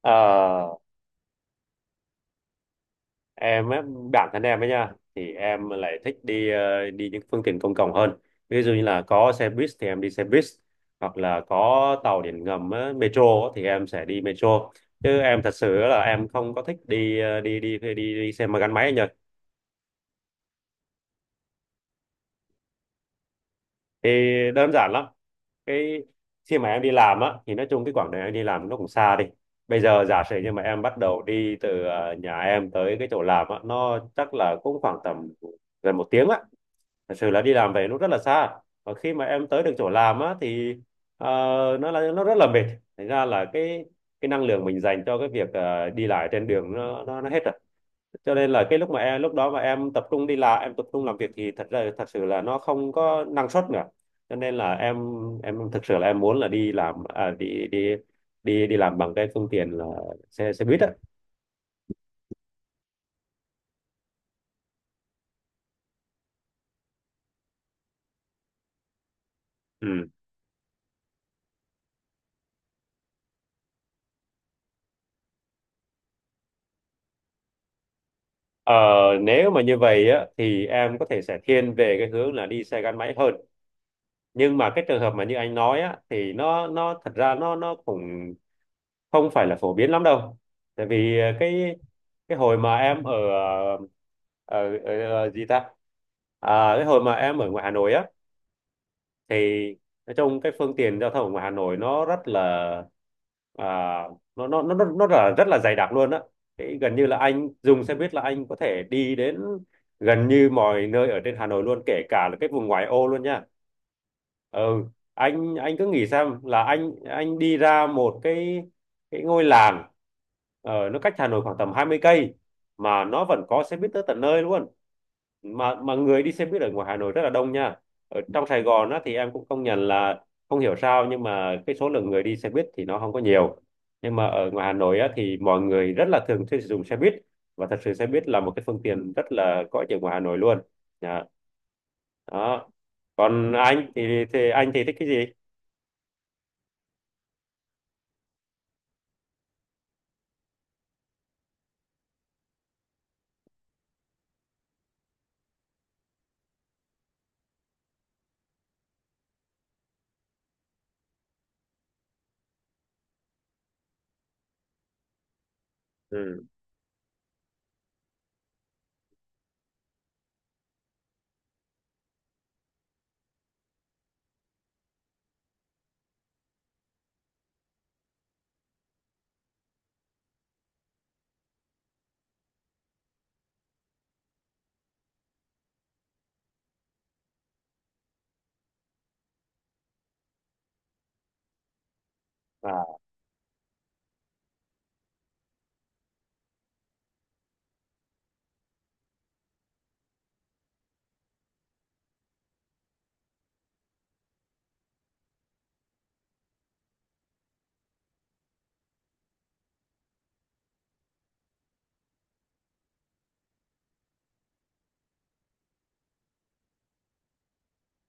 Ờ, em á, bản thân em ấy nha thì em lại thích đi những phương tiện công cộng hơn, ví dụ như là có xe buýt thì em đi xe buýt, hoặc là có tàu điện ngầm á, metro á, thì em sẽ đi metro, chứ em thật sự là em không có thích đi ờ, đi đi đi, đi, đi xe mà gắn máy anh nhỉ. Thì đơn giản lắm, cái khi mà em đi làm á thì nói chung cái quãng đường em đi làm nó cũng xa. Đi bây giờ giả sử như mà em bắt đầu đi từ nhà em tới cái chỗ làm á, nó chắc là cũng khoảng tầm gần một tiếng á. Thật sự là đi làm về nó rất là xa, và khi mà em tới được chỗ làm á thì ờ, nó là nó rất là mệt. Thành ra là cái năng lượng mình dành cho cái việc đi lại trên đường nó hết rồi, cho nên là cái lúc mà em lúc đó mà em tập trung đi làm, em tập trung làm việc thì thật ra thật sự là nó không có năng suất nữa. Cho nên là em thực sự là em muốn là đi làm à, đi đi làm bằng cái phương tiện là xe xe buýt á. Ừ. Ờ, nếu mà như vậy á thì em có thể sẽ thiên về cái hướng là đi xe gắn máy hơn, nhưng mà cái trường hợp mà như anh nói á thì nó thật ra nó cũng không phải là phổ biến lắm đâu. Tại vì cái hồi mà em ở ở gì ta, à, cái hồi mà em ở ngoài Hà Nội á, thì nói chung cái phương tiện giao thông của Hà Nội nó rất là, à, nó là rất là dày đặc luôn á. Thì gần như là anh dùng xe buýt là anh có thể đi đến gần như mọi nơi ở trên Hà Nội luôn, kể cả là cái vùng ngoại ô luôn nha. Ừ, anh cứ nghĩ xem là anh đi ra một cái ngôi làng nó cách Hà Nội khoảng tầm 20 cây mà nó vẫn có xe buýt tới tận nơi luôn. Mà người đi xe buýt ở ngoài Hà Nội rất là đông nha. Ở trong Sài Gòn á, thì em cũng công nhận là không hiểu sao nhưng mà cái số lượng người đi xe buýt thì nó không có nhiều, nhưng mà ở ngoài Hà Nội á, thì mọi người rất là thường xuyên sử dụng xe buýt, và thật sự xe buýt là một cái phương tiện rất là có ích ở ngoài Hà Nội luôn. Dạ. Đó, còn anh thì thích cái gì? Ừ. À.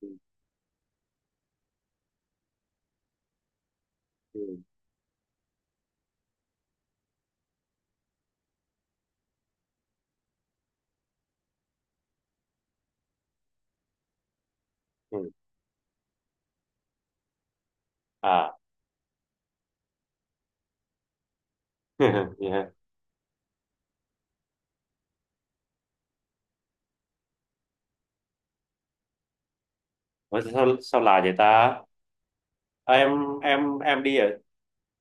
ừ. Ừ. À. Yeah. Ủa, sao sao là vậy ta? Ờ, em đi ở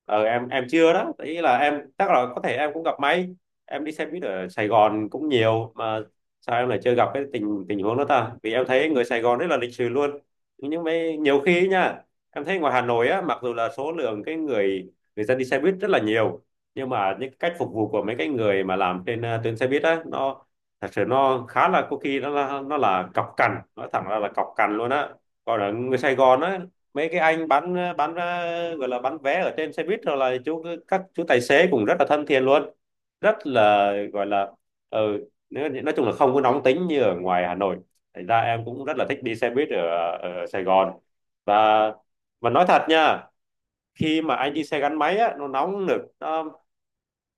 em chưa đó, ý là em chắc là có thể em cũng gặp may, em đi xe buýt ở Sài Gòn cũng nhiều mà sao em lại chưa gặp cái tình tình huống đó ta, vì em thấy người Sài Gòn rất là lịch sự luôn, nhưng mấy nhiều khi ấy nha. Em thấy ngoài Hà Nội á, mặc dù là số lượng cái người người dân đi xe buýt rất là nhiều, nhưng mà những cách phục vụ của mấy cái người mà làm trên tuyến xe buýt á, nó thật sự nó khá là, có khi nó là cọc cằn, nói thẳng ra là cọc cằn luôn á. Còn ở người Sài Gòn á, mấy cái anh gọi là bán vé ở trên xe buýt rồi là các chú tài xế cũng rất là thân thiện luôn, rất là gọi là, ờ, nói chung là không có nóng tính như ở ngoài Hà Nội. Thành ra em cũng rất là thích đi xe buýt ở Sài Gòn, và nói thật nha, khi mà anh đi xe gắn máy á, nó nóng nực, nó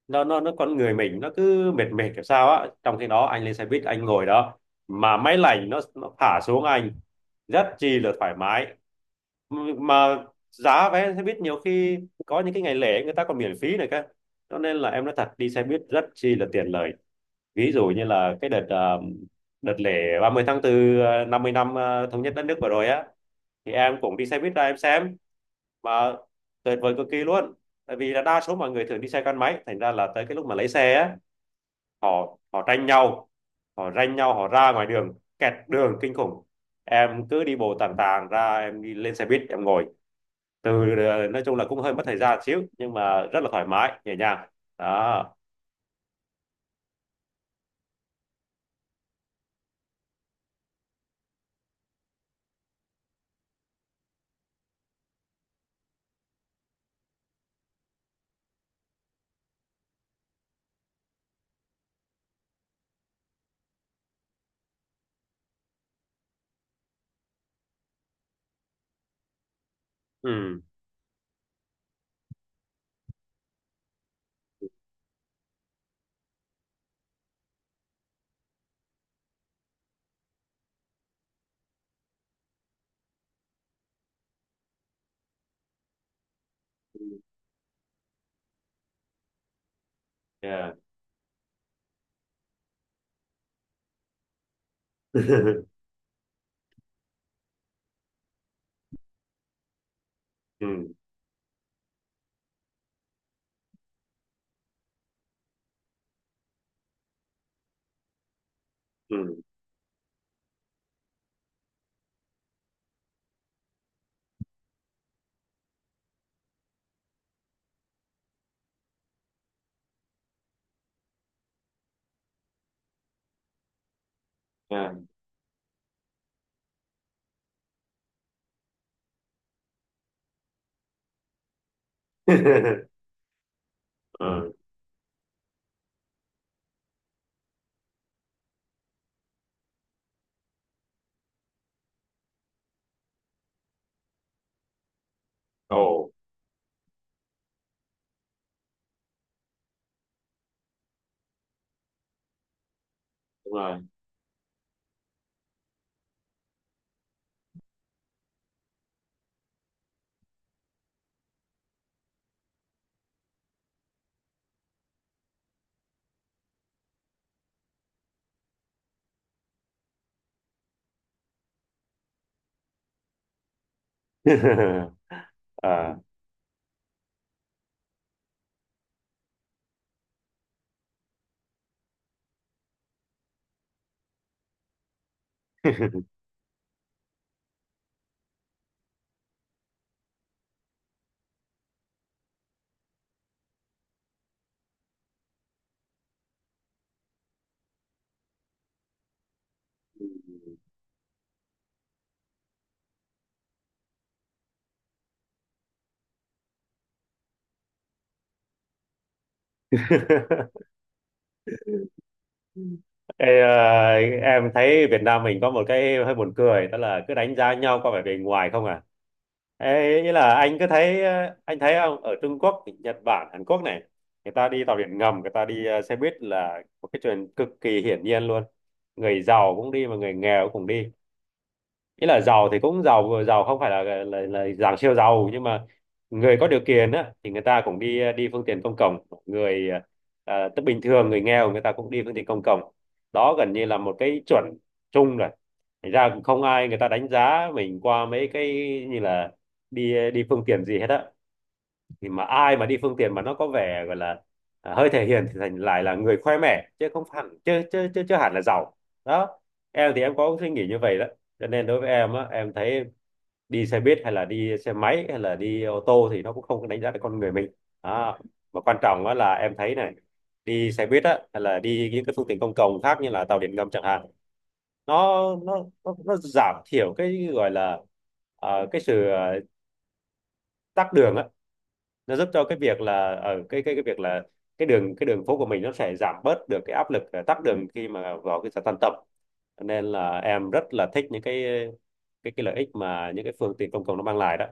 nó nó nó con người mình nó cứ mệt mệt kiểu sao á, trong khi đó anh lên xe buýt anh ngồi đó mà máy lạnh nó thả xuống anh rất chi là thoải mái. Mà giá vé xe buýt nhiều khi có những cái ngày lễ người ta còn miễn phí này cơ, cho nên là em nói thật đi xe buýt rất chi là tiện lợi. Ví dụ như là đợt lễ ba mươi tháng 4 50 năm thống nhất đất nước vừa rồi á, thì em cũng đi xe buýt ra em xem mà tuyệt vời cực kỳ luôn. Tại vì là đa số mọi người thường đi xe gắn máy, thành ra là tới cái lúc mà lấy xe á, họ họ tranh nhau, họ ranh nhau họ ra ngoài đường, kẹt đường kinh khủng. Em cứ đi bộ tàn tàn ra, em đi lên xe buýt em ngồi, từ nói chung là cũng hơi mất thời gian xíu nhưng mà rất là thoải mái nhẹ nhàng. Đó. Ừ. Yeah. Ừ. Ừ. Yeah. Ừ. Ồ. Đúng rồi. À. Ê, à, em thấy Việt Nam mình có một cái hơi buồn cười, đó là cứ đánh giá nhau qua vẻ bề ngoài không à. Ê, ý là anh cứ thấy anh thấy không, ở Trung Quốc, Nhật Bản, Hàn Quốc này, người ta đi tàu điện ngầm, người ta đi xe buýt là một cái chuyện cực kỳ hiển nhiên luôn. Người giàu cũng đi mà người nghèo cũng đi, ý là giàu thì cũng giàu giàu, không phải là là dạng siêu giàu, nhưng mà người có điều kiện á thì người ta cũng đi đi phương tiện công cộng. Người à, tức bình thường người nghèo người ta cũng đi phương tiện công cộng, đó gần như là một cái chuẩn chung rồi. Thành ra cũng không ai người ta đánh giá mình qua mấy cái như là đi đi phương tiện gì hết á, thì mà ai mà đi phương tiện mà nó có vẻ gọi là, à, hơi thể hiện thì thành lại là người khoe mẽ, chứ không hẳn chứ hẳn là giàu. Đó, em thì em có suy nghĩ như vậy đó, cho nên đối với em á em thấy đi xe buýt hay là đi xe máy hay là đi ô tô thì nó cũng không có đánh giá được con người mình. Đó. Mà quan trọng á là em thấy này, đi xe buýt á hay là đi những cái phương tiện công cộng khác như là tàu điện ngầm chẳng hạn, nó nó giảm thiểu cái gọi là, cái sự tắc đường á, nó giúp cho cái việc là ở cái việc là cái đường phố của mình nó sẽ giảm bớt được cái áp lực tắc đường khi mà vào cái giờ tan tầm. Cho nên là em rất là thích những cái cái lợi ích mà những cái phương tiện công cộng nó mang lại đó.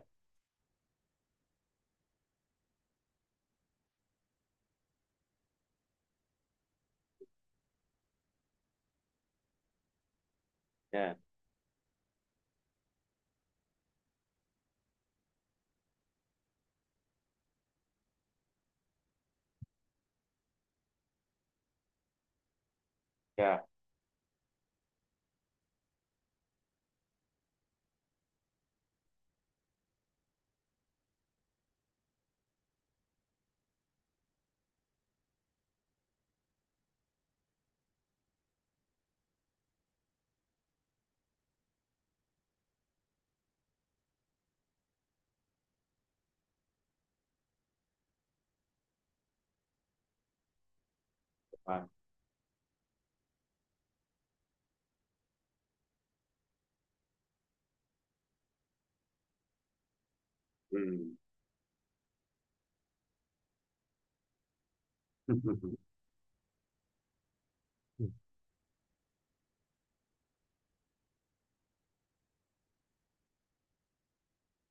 Yeah. Yeah. À. Ừ.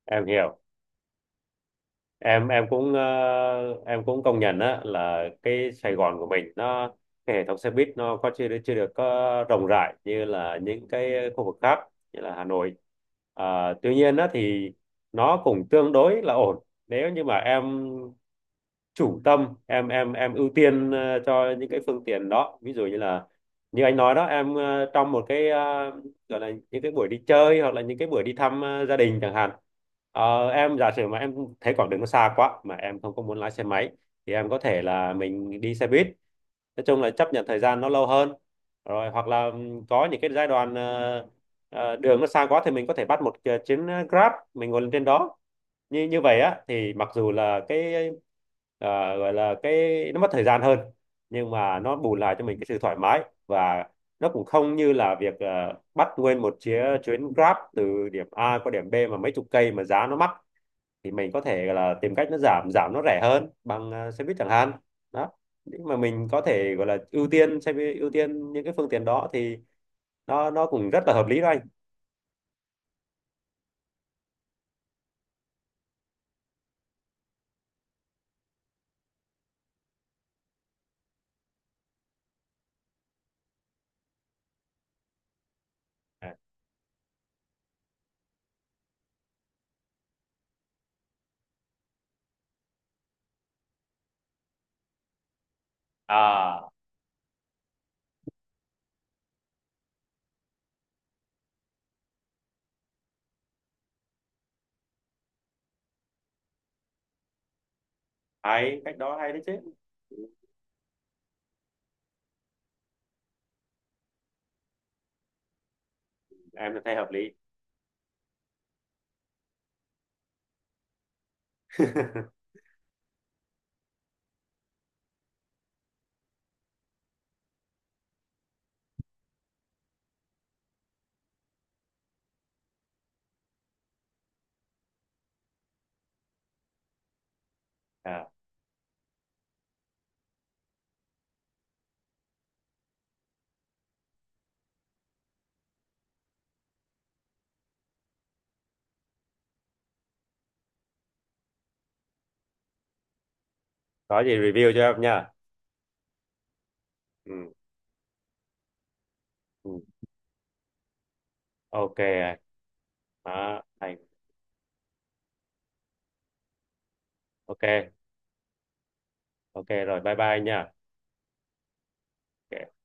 Em hiểu. Em cũng em cũng công nhận á là cái Sài Gòn của mình nó, cái hệ thống xe buýt nó có chưa được có rộng rãi như là những cái khu vực khác như là Hà Nội. À, tuy nhiên á thì nó cũng tương đối là ổn, nếu như mà em chủ tâm em ưu tiên cho những cái phương tiện đó, ví dụ như là như anh nói đó em, trong gọi là những cái buổi đi chơi hoặc là những cái buổi đi thăm gia đình chẳng hạn. Ờ, em giả sử mà em thấy quãng đường nó xa quá mà em không có muốn lái xe máy, thì em có thể là mình đi xe buýt, nói chung là chấp nhận thời gian nó lâu hơn, rồi hoặc là có những cái giai đoạn đường nó xa quá thì mình có thể bắt một cái chuyến Grab mình ngồi lên trên đó. Như như vậy á thì mặc dù là gọi là cái nó mất thời gian hơn, nhưng mà nó bù lại cho mình cái sự thoải mái, và nó cũng không như là việc bắt nguyên một chuyến chuyến Grab từ điểm A qua điểm B mà mấy chục cây mà giá nó mắc, thì mình có thể là tìm cách nó giảm giảm nó rẻ hơn bằng xe buýt chẳng hạn. Đó, nhưng mà mình có thể gọi là ưu tiên xe buýt, ưu tiên những cái phương tiện đó thì nó cũng rất là hợp lý đó anh. À, hay cách đó hay đấy chứ. Em thấy hợp lý. À, có gì review cho em nha. Ừ, ừ. OK anh. Đó, thành. OK. OK rồi bye bye anh nha. OK.